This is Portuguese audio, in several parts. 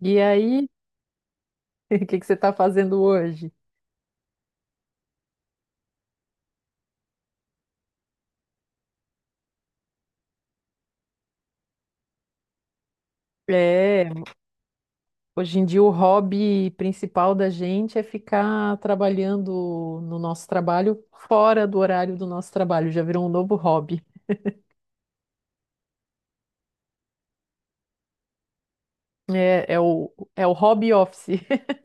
E aí, o que que você está fazendo hoje? É, hoje em dia o hobby principal da gente é ficar trabalhando no nosso trabalho fora do horário do nosso trabalho, já virou um novo hobby. É o hobby office.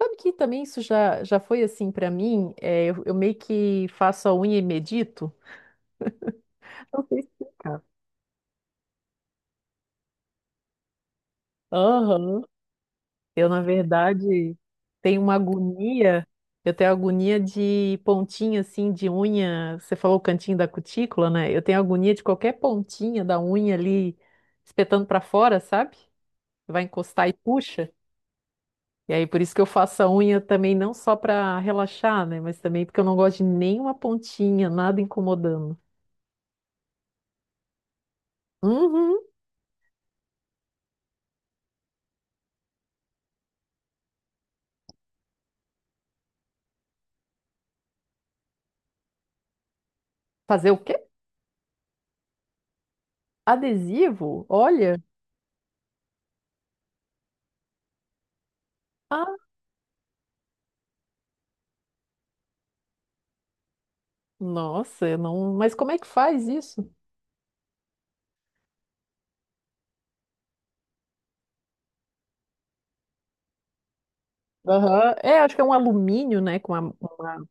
Sabe que também isso já foi assim para mim? Eu meio que faço a unha e medito. Não sei explicar. Aham. Eu, na verdade, tenho uma agonia. Eu tenho agonia de pontinha assim de unha. Você falou o cantinho da cutícula, né? Eu tenho agonia de qualquer pontinha da unha ali espetando pra fora, sabe? Vai encostar e puxa. E aí, por isso que eu faço a unha também não só pra relaxar, né? Mas também porque eu não gosto de nenhuma pontinha, nada incomodando. Uhum. Fazer o quê? Adesivo? Olha. Ah, nossa, eu não. Mas como é que faz isso? Aham. É, acho que é um alumínio, né? Com uma-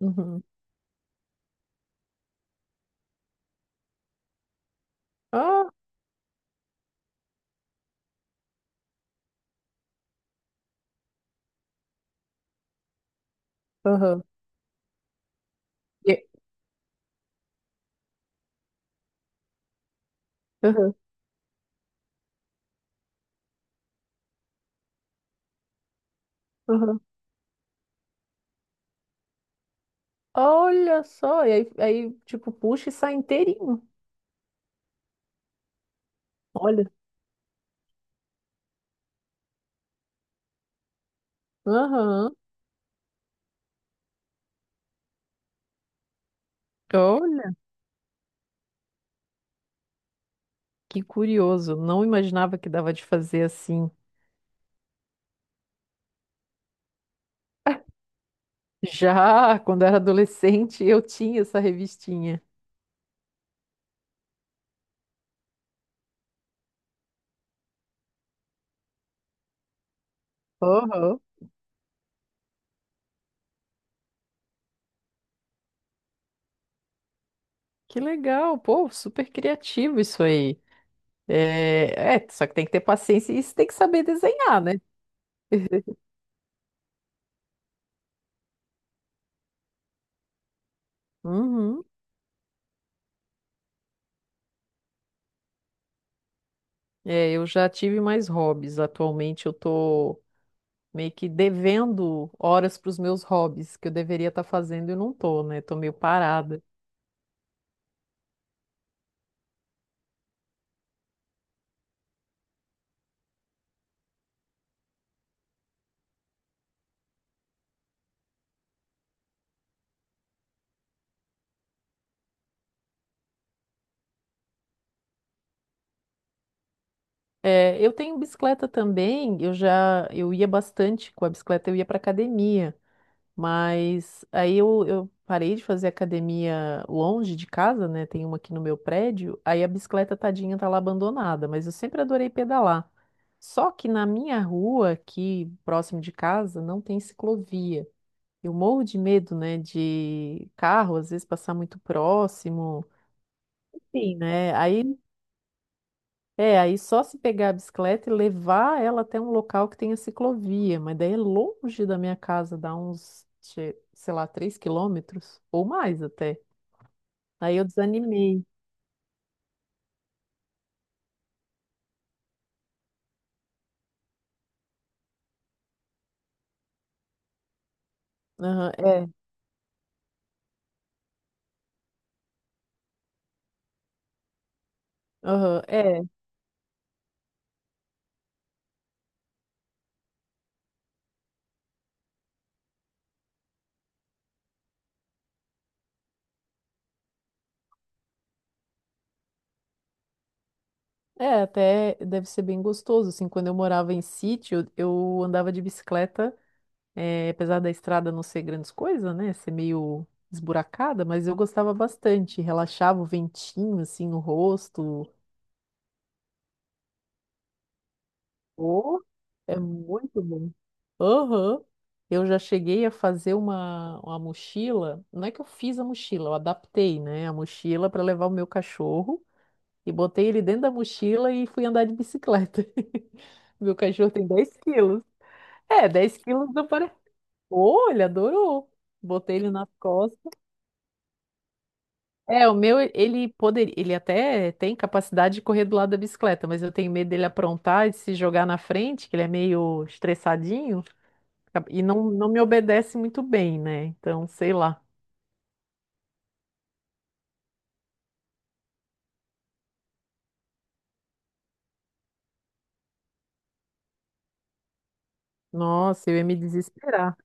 Uhum. Ah, aham. E- aham, aham. Olha só, e aí, tipo, puxa e sai inteirinho. Olha. Aham. Olha, que curioso. Não imaginava que dava de fazer assim. Já quando era adolescente, eu tinha essa revistinha. Aham. Que legal, pô, super criativo isso aí. É, é, só que tem que ter paciência e você tem que saber desenhar, né? Uhum. É, eu já tive mais hobbies. Atualmente eu tô meio que devendo horas para os meus hobbies que eu deveria estar fazendo e não tô, né? Tô meio parada. É, eu tenho bicicleta também. Eu ia bastante com a bicicleta, eu ia para academia. Mas aí eu parei de fazer academia longe de casa, né? Tem uma aqui no meu prédio. Aí a bicicleta tadinha tá lá abandonada, mas eu sempre adorei pedalar. Só que na minha rua, aqui próximo de casa, não tem ciclovia. Eu morro de medo, né, de carro às vezes passar muito próximo, enfim, né? Aí só se pegar a bicicleta e levar ela até um local que tenha ciclovia, mas daí é longe da minha casa, dá uns, che- sei lá, 3 km ou mais até. Aí eu desanimei. Aham, é, aham, é, é, até deve ser bem gostoso, assim, quando eu morava em sítio, eu andava de bicicleta, é, apesar da estrada não ser grandes coisas, né, ser meio esburacada, mas eu gostava bastante, relaxava o ventinho, assim, no rosto. Oh, é muito bom. Aham. Eu já cheguei a fazer uma mochila. Não é que eu fiz a mochila, eu adaptei, né, a mochila para levar o meu cachorro e botei ele dentro da mochila e fui andar de bicicleta. Meu cachorro tem 10 kg. É, 10 quilos não parece. Oh, ele adorou. Botei ele nas costas. É, o meu, ele poderia, ele até tem capacidade de correr do lado da bicicleta, mas eu tenho medo dele aprontar e se jogar na frente, que ele é meio estressadinho. Acab- E não me obedece muito bem, né? Então, sei lá. Nossa, eu ia me desesperar.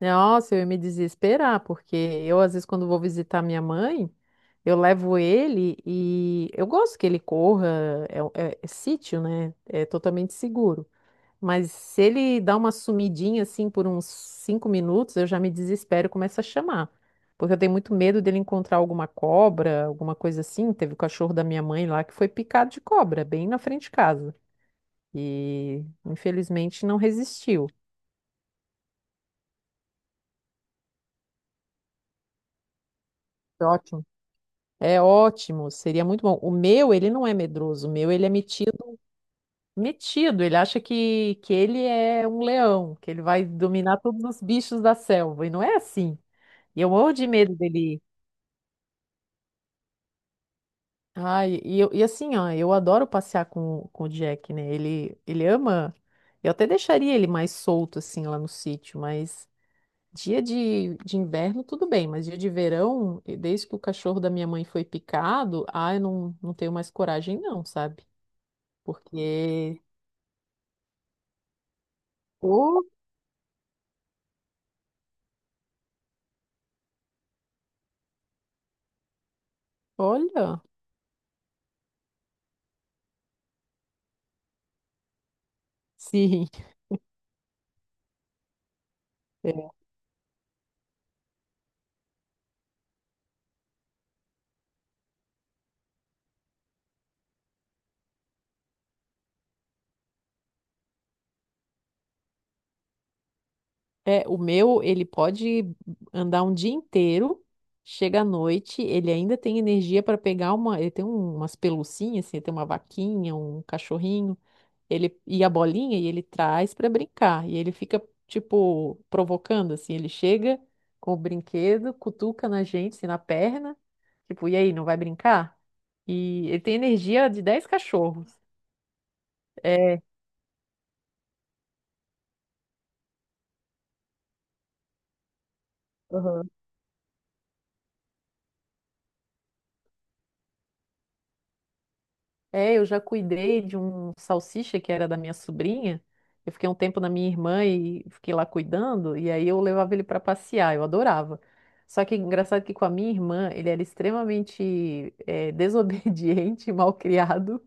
Nossa, eu ia me desesperar, porque eu, às vezes, quando vou visitar minha mãe, eu levo ele e eu gosto que ele corra, é sítio, né? É totalmente seguro. Mas se ele dá uma sumidinha assim por uns 5 minutos, eu já me desespero e começo a chamar. Porque eu tenho muito medo dele encontrar alguma cobra, alguma coisa assim. Teve o cachorro da minha mãe lá que foi picado de cobra, bem na frente de casa. E infelizmente não resistiu. Que ótimo. É ótimo, seria muito bom. O meu, ele não é medroso, o meu, ele é metido, ele acha que ele é um leão, que ele vai dominar todos os bichos da selva, e não é assim. E eu morro de medo dele. E assim, ó, eu adoro passear com o Jack, né? Ele ama. Eu até deixaria ele mais solto, assim, lá no sítio, mas dia de inverno, tudo bem, mas dia de verão, e desde que o cachorro da minha mãe foi picado, ah, eu não tenho mais coragem, não, sabe? Porque, oh, olha, sim. É, o meu, ele pode andar um dia inteiro, chega à noite, ele ainda tem energia para pegar uma. Ele tem um- umas pelucinhas, assim, ele tem uma vaquinha, um cachorrinho. Ele e a bolinha e ele traz pra brincar. E ele fica, tipo, provocando, assim. Ele chega com o brinquedo, cutuca na gente, assim, na perna. Tipo, e aí, não vai brincar? E ele tem energia de 10 cachorros. É, aham. Eu já cuidei de um salsicha que era da minha sobrinha. Eu fiquei um tempo na minha irmã e fiquei lá cuidando, e aí eu levava ele para passear, eu adorava. Só que engraçado que com a minha irmã, ele era extremamente desobediente, mal criado.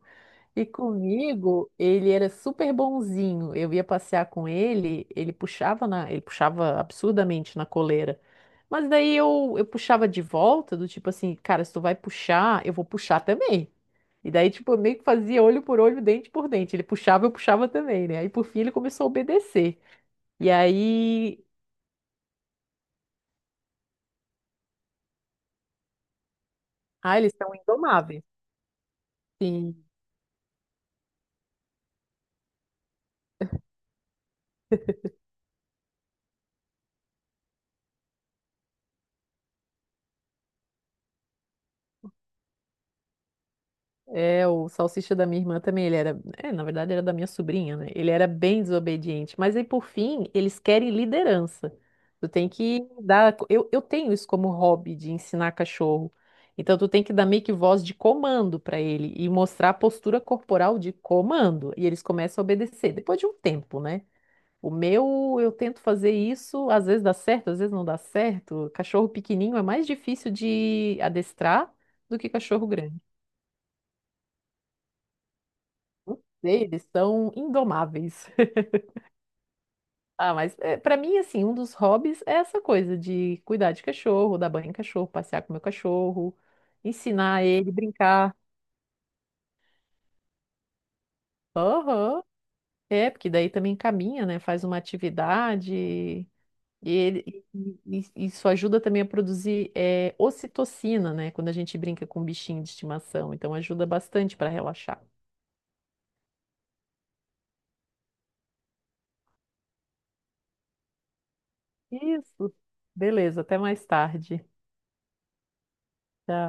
E comigo, ele era super bonzinho. Eu ia passear com ele, ele puxava absurdamente na coleira. Mas daí eu puxava de volta, do tipo assim, cara, se tu vai puxar, eu vou puxar também. E daí, tipo, eu meio que fazia olho por olho, dente por dente. Ele puxava, eu puxava também, né? Aí, por fim, ele começou a obedecer. E aí, ah, eles são indomáveis. Sim. O salsicha da minha irmã também, ele na verdade era da minha sobrinha, né? Ele era bem desobediente, mas aí por fim, eles querem liderança. Tu tem que dar, eu tenho isso como hobby de ensinar cachorro. Então tu tem que dar meio que voz de comando para ele e mostrar a postura corporal de comando, e eles começam a obedecer depois de um tempo, né? O meu, eu tento fazer isso, às vezes dá certo, às vezes não dá certo. Cachorro pequenininho é mais difícil de adestrar do que cachorro grande. Não sei, eles são indomáveis. Ah, mas é, para mim, assim, um dos hobbies é essa coisa de cuidar de cachorro, dar banho em cachorro, passear com meu cachorro, ensinar ele a brincar. Aham. É, porque daí também caminha, né? Faz uma atividade e, ele, e isso ajuda também a produzir ocitocina, né? Quando a gente brinca com um bichinho de estimação. Então ajuda bastante para relaxar. Isso. Beleza, até mais tarde. Tchau.